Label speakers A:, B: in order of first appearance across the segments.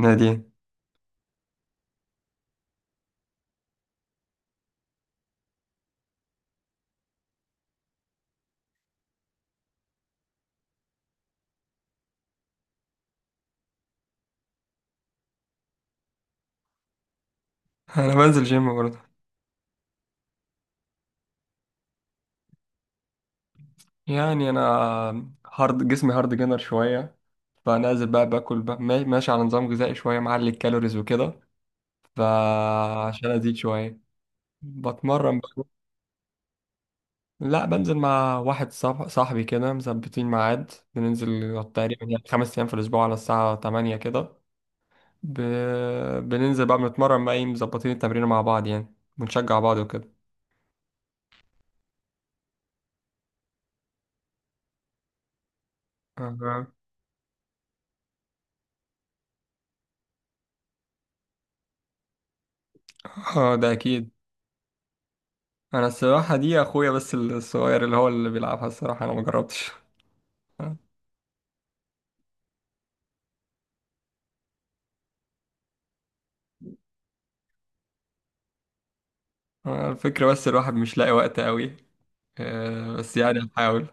A: نادي. انا بنزل جيم برضه. يعني انا جسمي هارد جينر شويه. فنازل بقى باكل بقى ماشي على نظام غذائي شويه معلي الكالوريز وكده. فعشان ازيد شويه بتمرن بقى. لا، بنزل مع واحد صاحبي كده، مثبتين ميعاد بننزل تقريبا يعني 5 ايام في الاسبوع على الساعه 8 كده. ب... بننزل بقى، بنتمرن بقى، ايه، مظبطين التمرين مع بعض يعني، بنشجع بعض وكده. أها. اه، ده اكيد. انا السباحه دي اخويا بس الصغير اللي هو اللي بيلعبها الصراحه، انا ما جربتش. الفكره بس الواحد مش لاقي وقت قوي. بس يعني هحاول.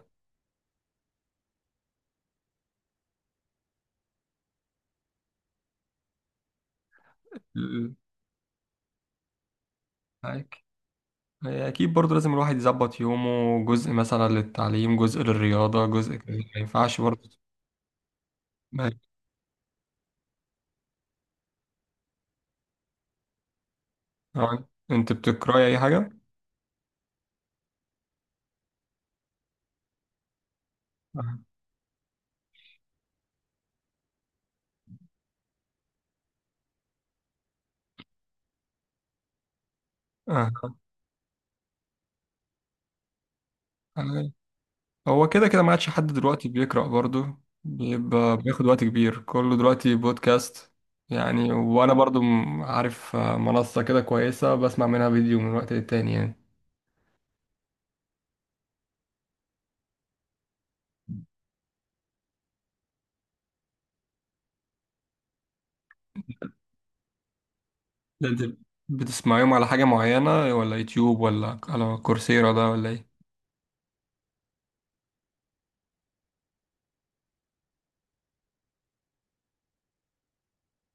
A: ال- معاك. اكيد برضه لازم الواحد يظبط يومه، جزء مثلا للتعليم، جزء للرياضه، جزء كده، ما ينفعش برضه. ما- انت بتقراي اي حاجه؟ آه. آه. هو كده كده ما عادش حد دلوقتي بيقرأ برضه، بيبقى بياخد وقت كبير، كله دلوقتي بودكاست يعني. وانا برضه عارف منصة كده كويسة بسمع منها فيديو من وقت للتاني يعني. ده انت بتسمعيهم على حاجة معينة ولا يوتيوب ولا على كورسيرا ده ولا ايه؟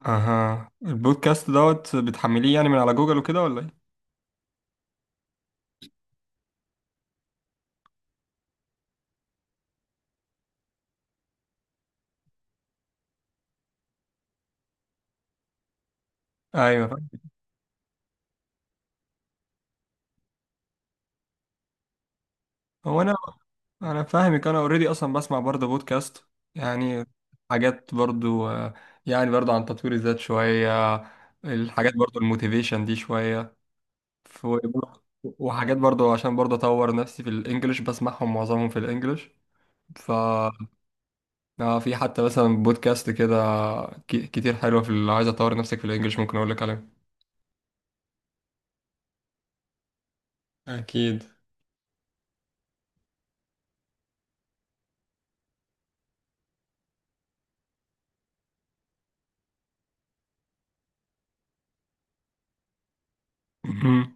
A: اها، البودكاست دوت بتحمليه يعني من على جوجل وكده ولا ايه؟ ايوه فاهم. هو انا انا فاهمك، انا اوريدي اصلا بسمع برضه بودكاست يعني، حاجات برضه، يعني برضه عن تطوير الذات شوية، الحاجات برضه الموتيفيشن دي شوية. ف- وحاجات برضه عشان برضه اطور نفسي في الانجليش، بسمعهم معظمهم في الانجليش. ف في حتى مثلا بودكاست كده كتير حلوة، في اللي عايز اطور نفسك في الانجليش، ممكن اقول لك عليها. اكيد. مهم.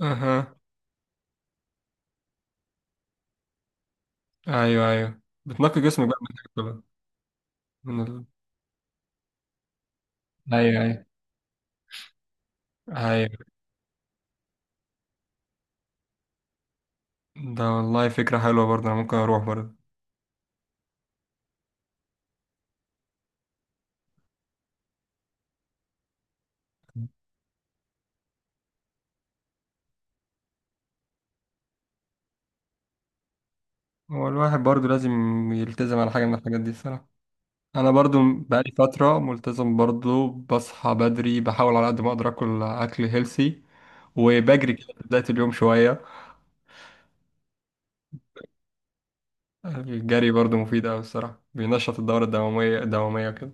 A: اها. ايوه، ايوه، بتنقي جسمك بقى من الحاجات دي بقى. من ال... ايوه، ايوه، ايوه. ده والله فكرة حلوة برضه، أنا ممكن أروح برضه. هو الواحد برضه لازم يلتزم على حاجة من الحاجات دي الصراحة. أنا برضه بقالي فترة ملتزم برضه، بصحى بدري، بحاول على قد ما أقدر آكل أكل هيلسي، وبجري كده في بداية اليوم شوية. الجري برضه مفيد أوي الصراحة، بينشط الدورة الدموية كده.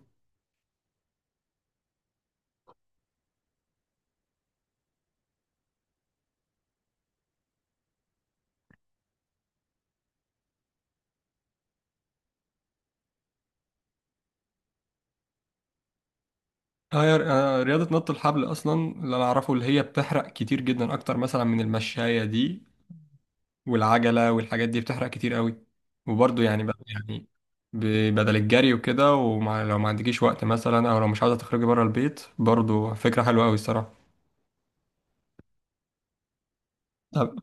A: آه، يا- رياضة نط الحبل أصلا اللي أنا أعرفه اللي هي بتحرق كتير جدا، أكتر مثلا من المشاية دي والعجلة والحاجات دي، بتحرق كتير قوي. وبرضه يعني بقى، يعني، بدل الجري وكده، ولو ما عندكيش وقت مثلا او لو مش عاوزة تخرجي بره البيت، برضه فكرة حلوة قوي الصراحة. طب.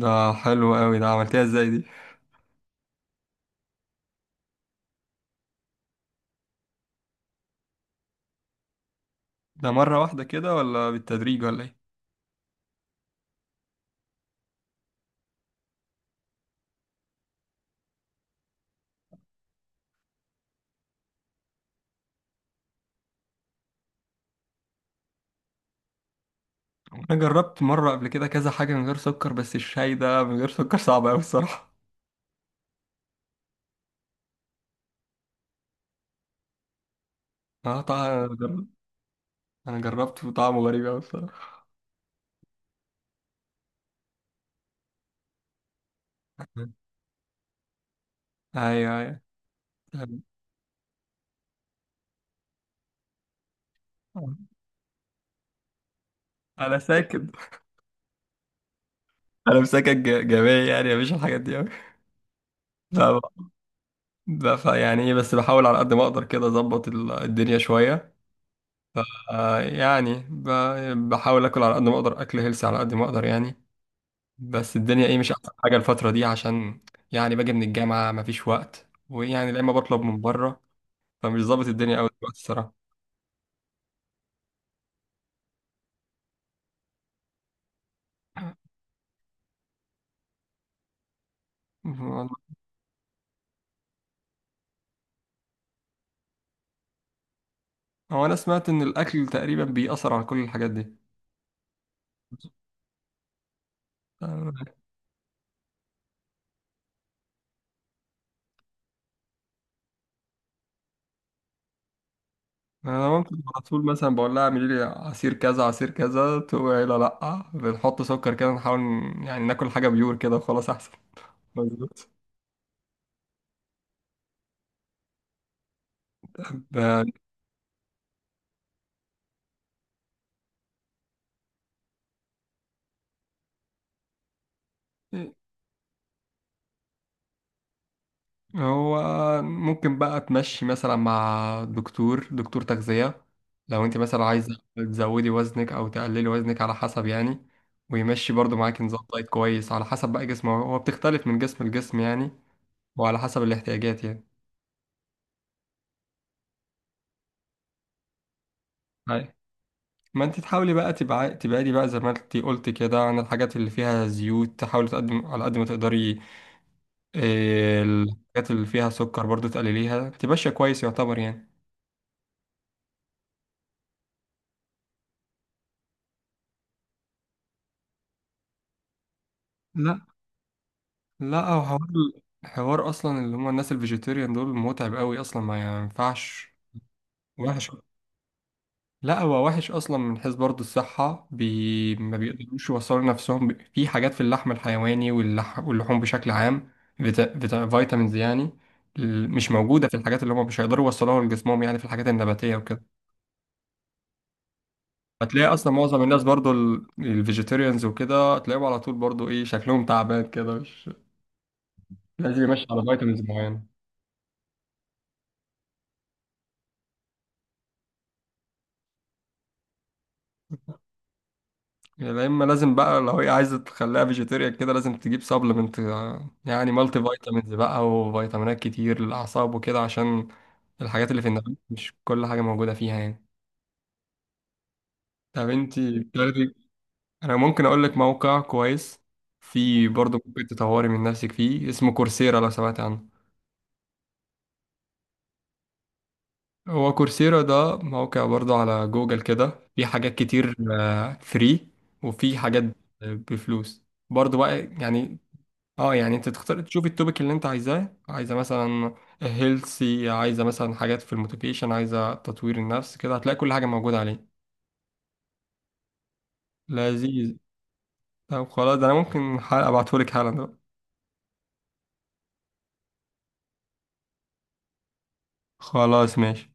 A: ده حلو قوي، ده عملتيها ازاي دي؟ ده مرة واحدة كده ولا بالتدريج ولا ايه؟ انا جربت مرة قبل كده كذا حاجة من غير سكر، بس الشاي ده من غير سكر صعب قوي الصراحة. اه طبعا، انا جربت. انا جربت وطعمه غريب قوي الصراحة. ايوه، ايوه. طيب. انا ساكت، انا مساكن جميع يعني، مفيش الحاجات دي قوي. فيعني ايه، بس بحاول على قد ما اقدر كده اظبط الدنيا شوية. يعني بحاول اكل على قد ما اقدر، اكل هيلثي على قد ما اقدر يعني. بس الدنيا ايه، مش احسن حاجة الفترة دي، عشان يعني باجي من الجامعة مفيش وقت، ويعني لا، اما بطلب من بره، فمش ظابط الدنيا قوي دلوقتي الصراحة. والله. هو انا سمعت ان الاكل تقريبا بيأثر على كل الحاجات دي. آه، انا ممكن على طول مثلا بقول لها اعملي لي عصير كذا عصير كذا، تقول لا، لا بنحط سكر كده، نحاول يعني ناكل حاجة بيور كده وخلاص احسن. مظبوط. ده. هو ممكن بقى تمشي مثلا مع دكتور تغذية لو انت مثلا عايزة تزودي وزنك او تقللي وزنك على حسب يعني. ويمشي برضو معاكي نظام دايت كويس على حسب بقى جسمه، هو بتختلف من جسم لجسم يعني، وعلى حسب الاحتياجات يعني. هاي. ما انت تحاولي بقى تبعدي بقى زي ما انت قلت كده عن الحاجات اللي فيها زيوت، تحاولي تقدم على قد ما تقدري. اه، الحاجات اللي فيها سكر برضو تقلليها، تبقى ماشية كويس يعتبر يعني. لا. لا هو حوار. حوار اصلا اللي هم الناس الفيجيتيريان دول متعب قوي اصلا، ما ينفعش. وحش. لا هو وحش اصلا من حيث برضه الصحه، ما بيقدروش يوصلوا نفسهم، في حاجات في اللحم الحيواني، واللحوم بشكل عام، فيتامينز يعني، مش موجوده في الحاجات، اللي هم مش هيقدروا يوصلوها لجسمهم يعني، في الحاجات النباتيه وكده. هتلاقي اصلا معظم الناس برضه الفيجيتيريانز وكده، هتلاقيهم على طول برضه ايه شكلهم تعبان كده، مش لازم يمشي على فيتامينز معينه. يا اما لازم بقى لو هي عايزه تخليها فيجيتيريان كده، لازم تجيب سبلمنت يعني، مالتي فيتامينز بقى، وفيتامينات كتير للاعصاب وكده، عشان الحاجات اللي في النبات مش كل حاجه موجوده فيها يعني. طب انتي بتاخدي. انا ممكن اقول لك موقع كويس، في برضه ممكن تطوري من نفسك فيه، اسمه كورسيرا، لو سمعت عنه. هو كورسيرا ده موقع برضه على جوجل كده، في حاجات كتير فري، وفي حاجات بفلوس برضه بقى يعني. اه يعني انت تختار تشوف التوبيك اللي انت عايزاه، عايزه مثلا هيلثي، عايزه مثلا حاجات في الموتيفيشن، عايزه تطوير النفس كده، هتلاقي كل حاجه موجوده عليه. لذيذ. طب خلاص، ده انا ممكن حلقه ابعتهولك حالا ده. خلاص ماشي.